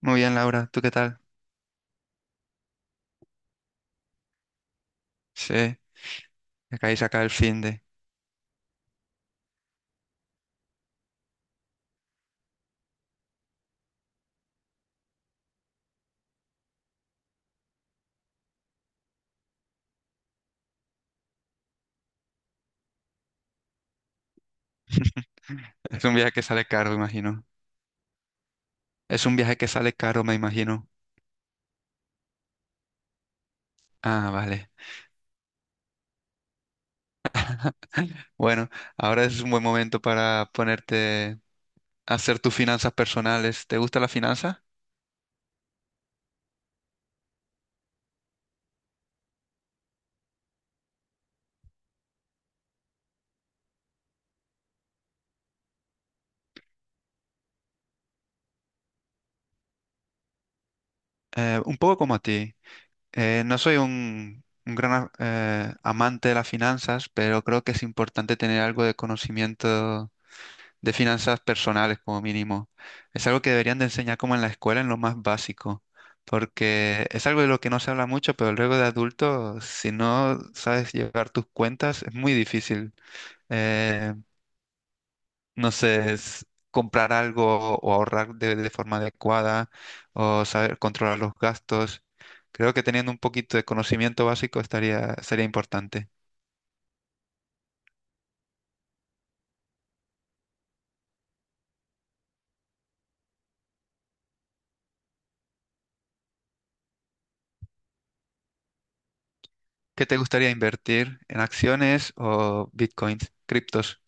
Muy bien, Laura, ¿tú qué tal? Sí, acabáis acá el fin de. Es un viaje que sale caro, imagino. Es un viaje que sale caro, me imagino. Ah, vale. Bueno, ahora es un buen momento para ponerte a hacer tus finanzas personales. ¿Te gusta la finanza? Un poco como a ti. No soy un gran amante de las finanzas, pero creo que es importante tener algo de conocimiento de finanzas personales como mínimo. Es algo que deberían de enseñar como en la escuela, en lo más básico, porque es algo de lo que no se habla mucho, pero luego de adulto, si no sabes llevar tus cuentas, es muy difícil, eh, no sé, es comprar algo o ahorrar de forma adecuada o saber controlar los gastos. Creo que teniendo un poquito de conocimiento básico estaría, sería importante. ¿Qué te gustaría invertir en acciones o bitcoins, criptos?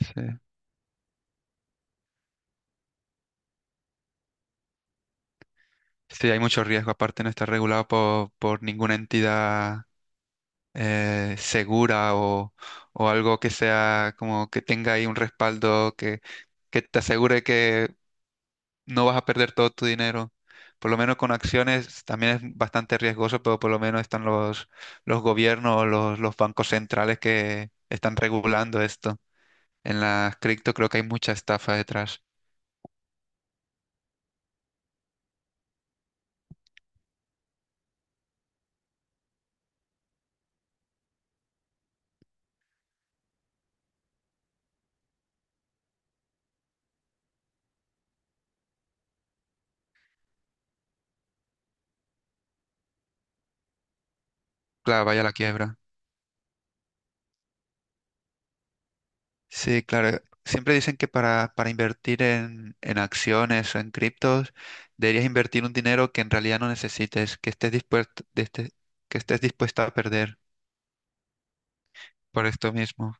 Sí. Sí, hay mucho riesgo, aparte no está regulado por ninguna entidad segura o algo que sea como que tenga ahí un respaldo que te asegure que no vas a perder todo tu dinero. Por lo menos con acciones también es bastante riesgoso, pero por lo menos están los gobiernos, los bancos centrales que están regulando esto. En las cripto creo que hay mucha estafa detrás. Claro, vaya la quiebra. Sí, claro. Siempre dicen que para invertir en acciones o en criptos, deberías invertir un dinero que en realidad no necesites, que estés dispuesto, que estés dispuesto a perder por esto mismo.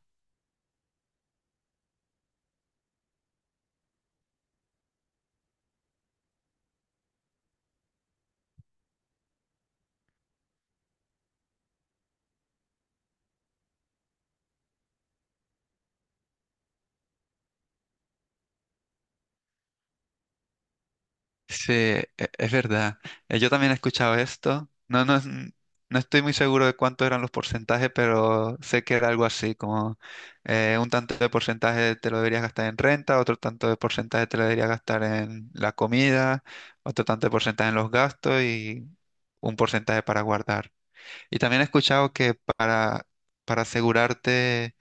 Sí, es verdad. Yo también he escuchado esto. No, no, no estoy muy seguro de cuántos eran los porcentajes, pero sé que era algo así, como un tanto de porcentaje te lo deberías gastar en renta, otro tanto de porcentaje te lo deberías gastar en la comida, otro tanto de porcentaje en los gastos y un porcentaje para guardar. Y también he escuchado que para asegurarte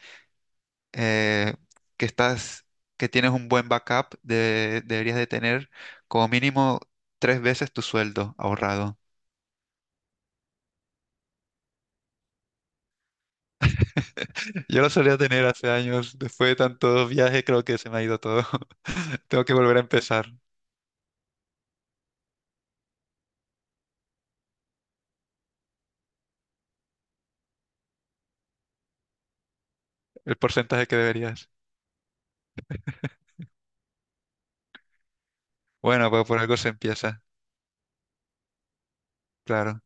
eh, que estás, que tienes un buen backup, deberías de tener como mínimo tres veces tu sueldo ahorrado. Yo lo solía tener hace años, después de tantos viajes creo que se me ha ido todo. Tengo que volver a empezar el porcentaje que deberías. Bueno, pues por algo se empieza, claro.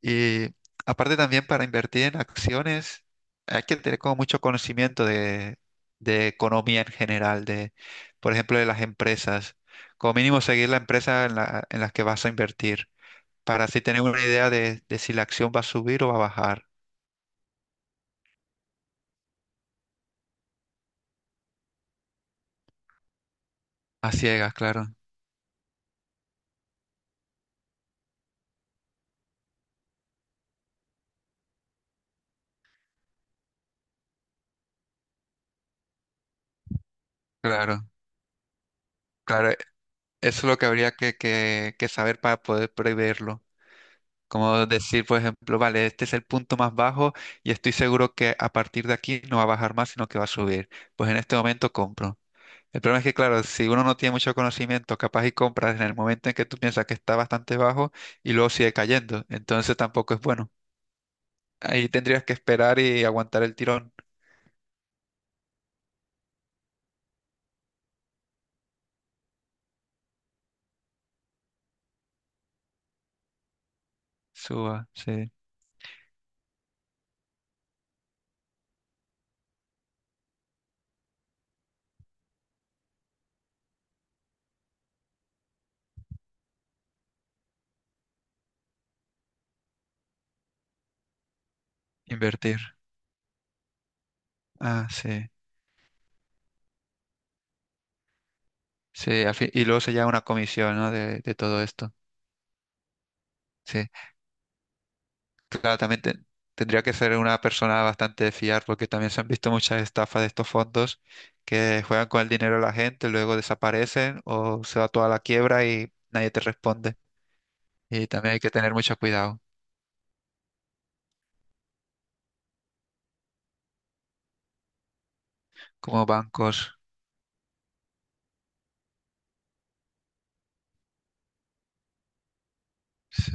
Y aparte también para invertir en acciones hay que tener como mucho conocimiento de economía en general, de, por ejemplo, de las empresas. Como mínimo seguir la empresa en la, en las que vas a invertir, para así tener una idea de si la acción va a subir o va a bajar. A ciegas, claro, claro, claro. Eso es lo que habría que, que saber para poder preverlo. Como decir, por ejemplo, vale, este es el punto más bajo y estoy seguro que a partir de aquí no va a bajar más, sino que va a subir. Pues en este momento compro. El problema es que, claro, si uno no tiene mucho conocimiento, capaz y compras en el momento en que tú piensas que está bastante bajo y luego sigue cayendo. Entonces tampoco es bueno. Ahí tendrías que esperar y aguantar el tirón. Suba, sí. Invertir. Ah, sí. Sí, y luego se lleva una comisión, ¿no? De todo esto. Sí. Claro, tendría que ser una persona bastante de fiar porque también se han visto muchas estafas de estos fondos que juegan con el dinero de la gente, luego desaparecen o se va toda la quiebra y nadie te responde. Y también hay que tener mucho cuidado, como bancos. Sí,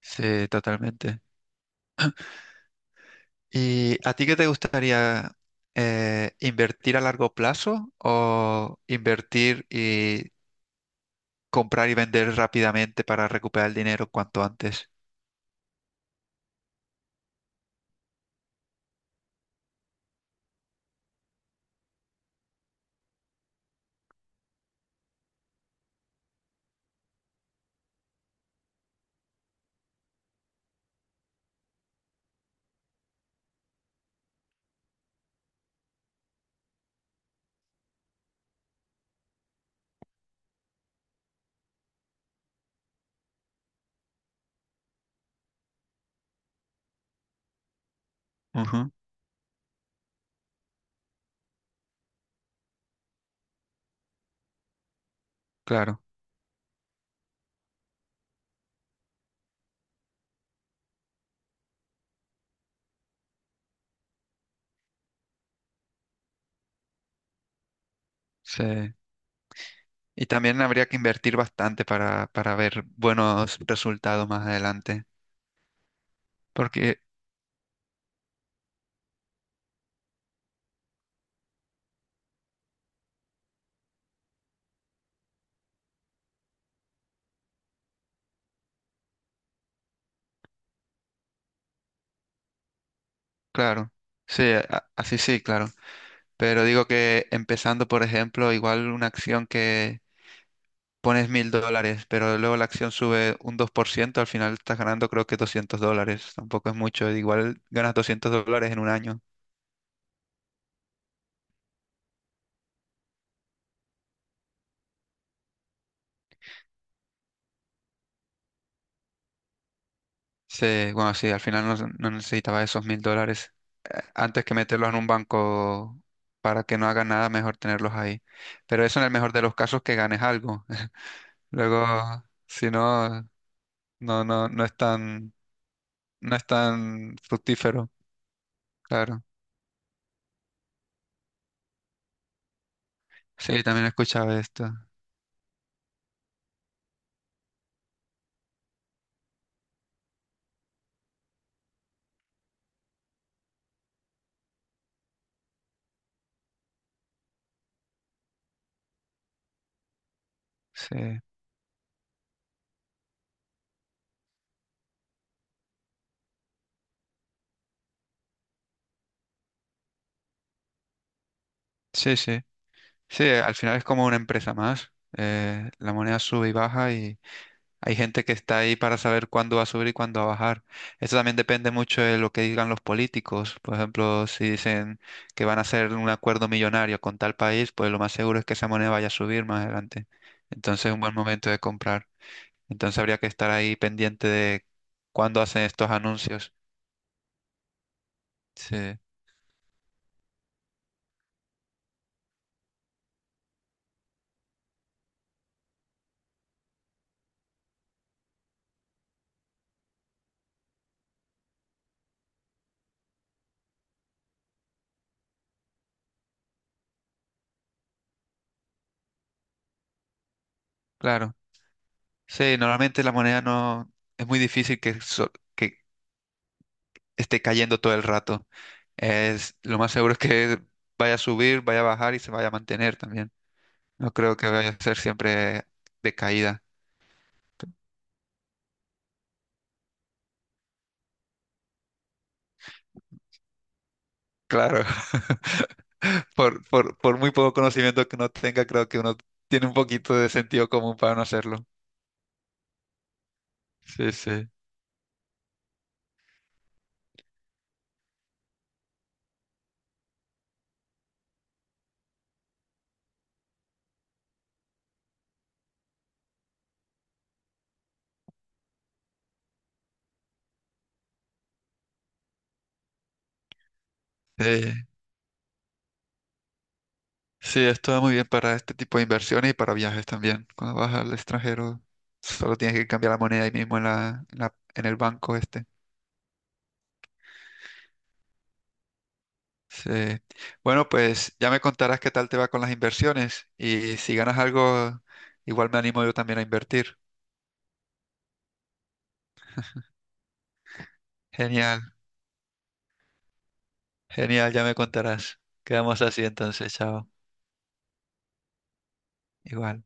sí, totalmente. ¿Y a ti qué te gustaría invertir a largo plazo o invertir y comprar y vender rápidamente para recuperar el dinero cuanto antes? Ujú, claro, sí. Y también habría que invertir bastante para ver buenos resultados más adelante. Porque, claro, sí, así sí, claro. Pero digo que empezando, por ejemplo, igual una acción que pones $1,000, pero luego la acción sube un 2% al final estás ganando creo que $200. Tampoco es mucho. Igual ganas $200 en un año. Sí, bueno, sí, al final no, no necesitaba esos $1,000, antes que meterlos en un banco para que no hagan nada, mejor tenerlos ahí. Pero eso en el mejor de los casos que ganes algo. Luego, si no, no, no, no es tan, no es tan fructífero, claro. Sí, también he escuchado esto. Sí, sí, sí. Sí, al final es como una empresa más. La moneda sube y baja y hay gente que está ahí para saber cuándo va a subir y cuándo va a bajar. Eso también depende mucho de lo que digan los políticos. Por ejemplo, si dicen que van a hacer un acuerdo millonario con tal país, pues lo más seguro es que esa moneda vaya a subir más adelante. Entonces es un buen momento de comprar. Entonces habría que estar ahí pendiente de cuándo hacen estos anuncios. Sí, claro. Sí, normalmente la moneda no es muy difícil que, que esté cayendo todo el rato. Es lo más seguro es que vaya a subir, vaya a bajar y se vaya a mantener también. No creo que vaya a ser siempre de caída. Claro, por muy poco conocimiento que uno tenga, creo que uno tiene un poquito de sentido común para no hacerlo. Sí, sí. Eh, sí, esto va muy bien para este tipo de inversiones y para viajes también. Cuando vas al extranjero, solo tienes que cambiar la moneda ahí mismo en la, en el banco este. Sí. Bueno, pues ya me contarás qué tal te va con las inversiones y si ganas algo, igual me animo yo también a invertir. Genial. Genial, ya me contarás. Quedamos así entonces, chao. Igual.